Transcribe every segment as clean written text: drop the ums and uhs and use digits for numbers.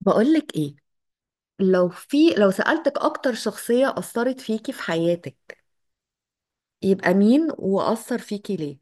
بقولك ايه، لو سألتك اكتر شخصية أثرت فيكي في حياتك، يبقى مين وأثر فيكي ليه؟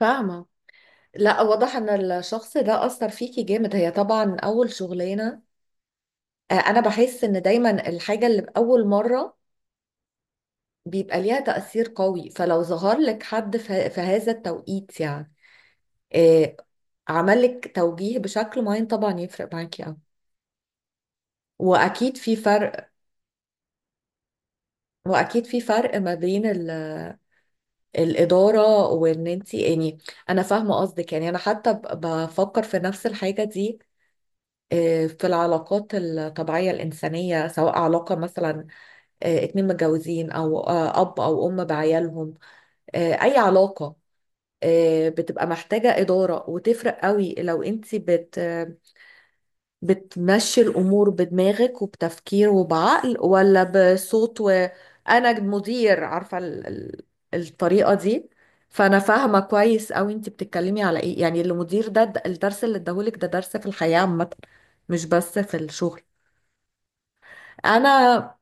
فاهمة. لا، واضح ان الشخص ده اثر فيكي جامد. هي طبعا اول شغلانة. انا بحس ان دايما الحاجة اللي باول مرة بيبقى ليها تأثير قوي. فلو ظهر لك حد في هذا التوقيت، يعني آه، عمل لك توجيه بشكل معين، طبعا يفرق معاكي قوي. واكيد في فرق. ما بين الإدارة، وإن أنت يعني، أنا فاهمة قصدك. يعني أنا حتى بفكر في نفس الحاجة دي. في العلاقات الطبيعية الإنسانية، سواء علاقة مثلا اتنين متجوزين، أو أب أو أم بعيالهم، أي علاقة بتبقى محتاجة إدارة. وتفرق قوي لو أنت بتمشي الأمور بدماغك وبتفكير وبعقل، ولا بصوت وأنا مدير. عارفة الطريقة دي. فأنا فاهمة كويس أوي أنت بتتكلمي على إيه. يعني المدير ده، الدرس اللي اداهولك ده درس في الحياة عامة، مش بس في الشغل. أنا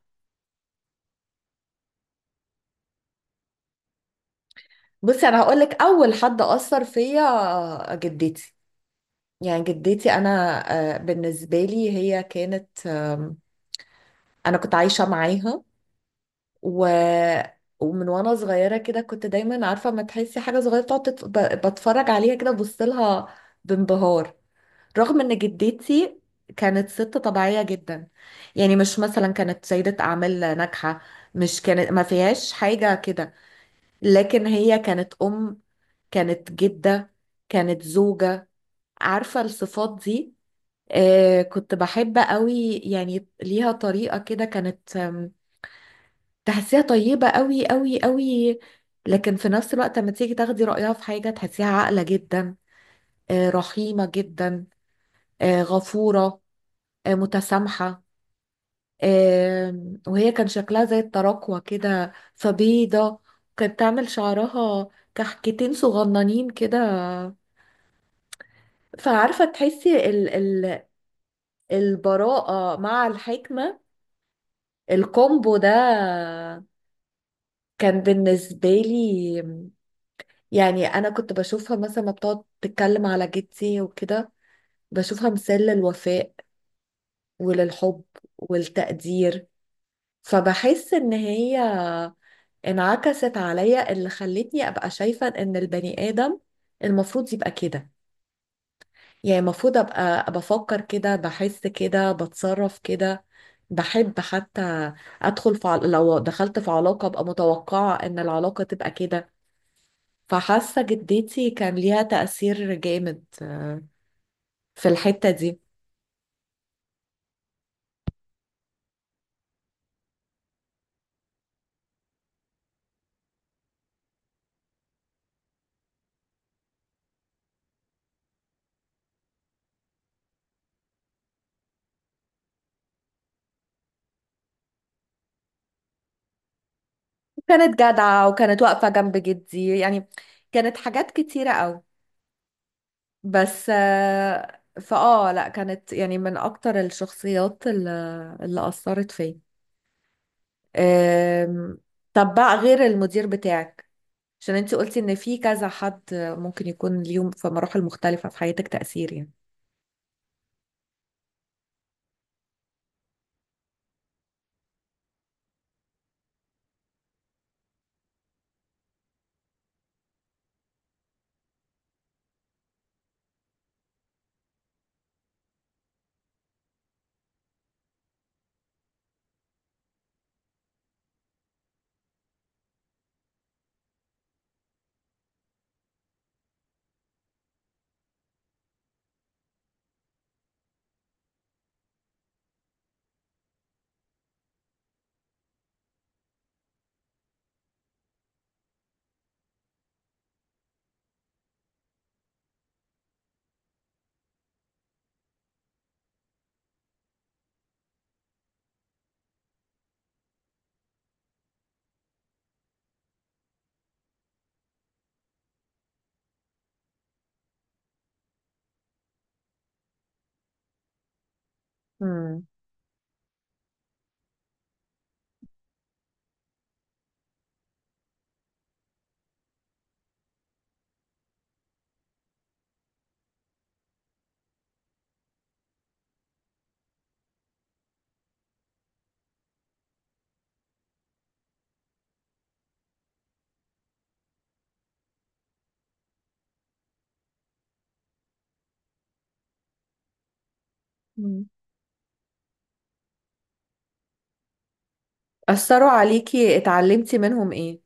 بصي، أنا هقولك أول حد أثر فيا جدتي. يعني جدتي أنا بالنسبة لي هي كانت أنا كنت عايشة معاها، و... ومن وانا صغيره كده كنت دايما عارفه، ما تحسي حاجه صغيره تقعد بتفرج عليها كده، ببص لها بانبهار. رغم ان جدتي كانت ست طبيعيه جدا، يعني مش مثلا كانت سيده اعمال ناجحه، مش كانت، ما فيهاش حاجه كده. لكن هي كانت ام، كانت جده، كانت زوجه. عارفه الصفات دي. آه كنت بحب قوي يعني، ليها طريقه كده، كانت تحسيها طيبة قوي قوي قوي. لكن في نفس الوقت لما تيجي تاخدي رأيها في حاجة تحسيها عاقلة جدا، رحيمة جدا، غفورة، متسامحة. وهي كان شكلها زي التراكوة كده، فبيضة. كانت تعمل شعرها كحكتين صغننين كده. فعارفة تحسي ال البراءة مع الحكمة، الكومبو ده كان بالنسبة لي يعني. انا كنت بشوفها مثلا ما بتقعد تتكلم على جدتي وكده، بشوفها مثال للوفاء وللحب والتقدير. فبحس ان هي انعكست عليا، اللي خلتني ابقى شايفة ان البني ادم المفروض يبقى كده. يعني المفروض ابقى بفكر كده، بحس كده، بتصرف كده، بحب حتى. ادخل في لو دخلت في علاقة ابقى متوقعة ان العلاقة تبقى كده. فحاسة جدتي كان ليها تأثير جامد في الحتة دي. كانت جدعة، وكانت واقفة جنب جدي يعني. كانت حاجات كتيرة قوي. بس آه، فآه لا، كانت يعني من أكتر الشخصيات اللي أثرت فيا. آم، طب بقى غير المدير بتاعك، عشان انتي قلتي ان في كذا حد ممكن يكون ليهم في مراحل مختلفة في حياتك تأثير يعني. مم. مم. أثروا عليكي، اتعلمتي منهم ايه؟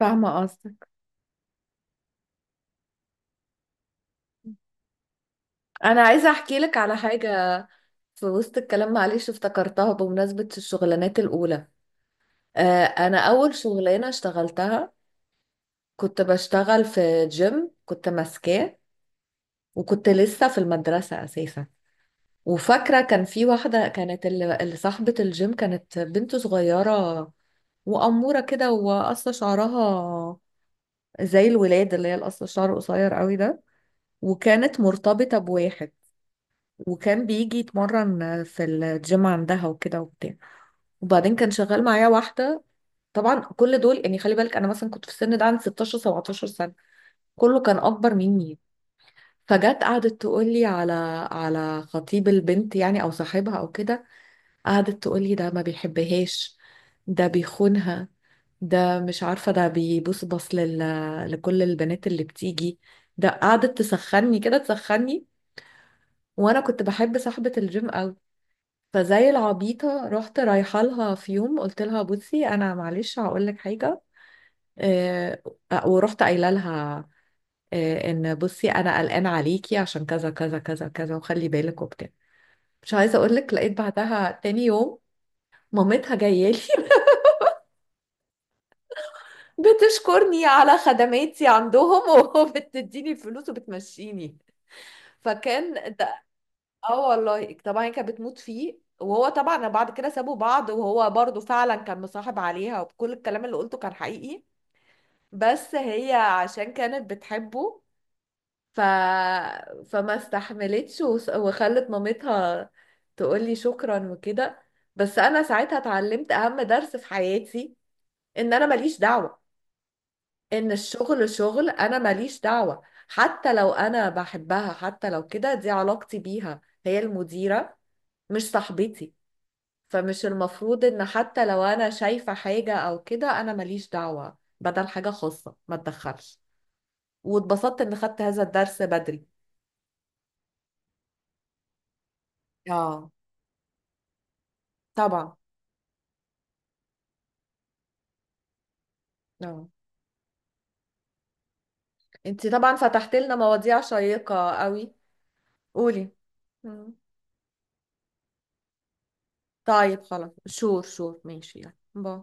فاهمة قصدك. انا عايزه احكي لك على حاجه في وسط الكلام، معلش افتكرتها بمناسبه الشغلانات الاولى. انا اول شغلانه اشتغلتها كنت بشتغل في جيم، كنت ماسكاه. وكنت لسه في المدرسه اساسا. وفاكره كان في واحده كانت، اللي صاحبه الجيم، كانت بنت صغيره، واموره كده، وقصه شعرها زي الولاد، اللي هي القصه الشعر قصير قوي ده. وكانت مرتبطه بواحد، وكان بيجي يتمرن في الجيم عندها وكده وبتاع. وبعدين كان شغال معايا واحدة. طبعا كل دول يعني، خلي بالك، انا مثلا كنت في السن ده عندي 16 17 سنة، كله كان اكبر مني. فجت قعدت تقول لي على على خطيب البنت يعني، او صاحبها او كده. قعدت تقول لي ده ما بيحبهاش، ده بيخونها، ده مش عارفة، ده بيبص لكل البنات اللي بتيجي. ده قعدت تسخني كده تسخني. وانا كنت بحب صاحبة الجيم قوي. فزي العبيطة رحت رايحة لها في يوم، قلت لها بصي، أنا معلش هقول لك حاجة. آه، ورحت قايلة لها إن بصي، أنا قلقانة عليكي عشان كذا كذا كذا كذا، وخلي بالك وبتاع. مش عايزة أقول لك، لقيت بعدها تاني يوم مامتها جاية لي بتشكرني على خدماتي عندهم وبتديني فلوس وبتمشيني. فكان ده. اه والله، طبعا هي كانت بتموت فيه، وهو طبعا بعد كده سابوا بعض، وهو برضو فعلا كان مصاحب عليها، وكل الكلام اللي قلته كان حقيقي، بس هي عشان كانت بتحبه ف... فما استحملتش، وخلت مامتها تقولي شكرا وكده. بس انا ساعتها اتعلمت اهم درس في حياتي، ان انا ماليش دعوة. ان الشغل شغل، انا ماليش دعوة. حتى لو انا بحبها، حتى لو كده، دي علاقتي بيها. هي المديرة، مش صاحبتي. فمش المفروض ان حتى لو انا شايفة حاجة او كده، انا ماليش دعوة. بدل حاجة خاصة ما تدخلش. واتبسطت ان خدت هذا الدرس بدري. اه طبعا. اه. انتي طبعا فتحت لنا مواضيع شيقة قوي. قولي. مم. طيب خلاص، شور شور، ماشي، يلا باي.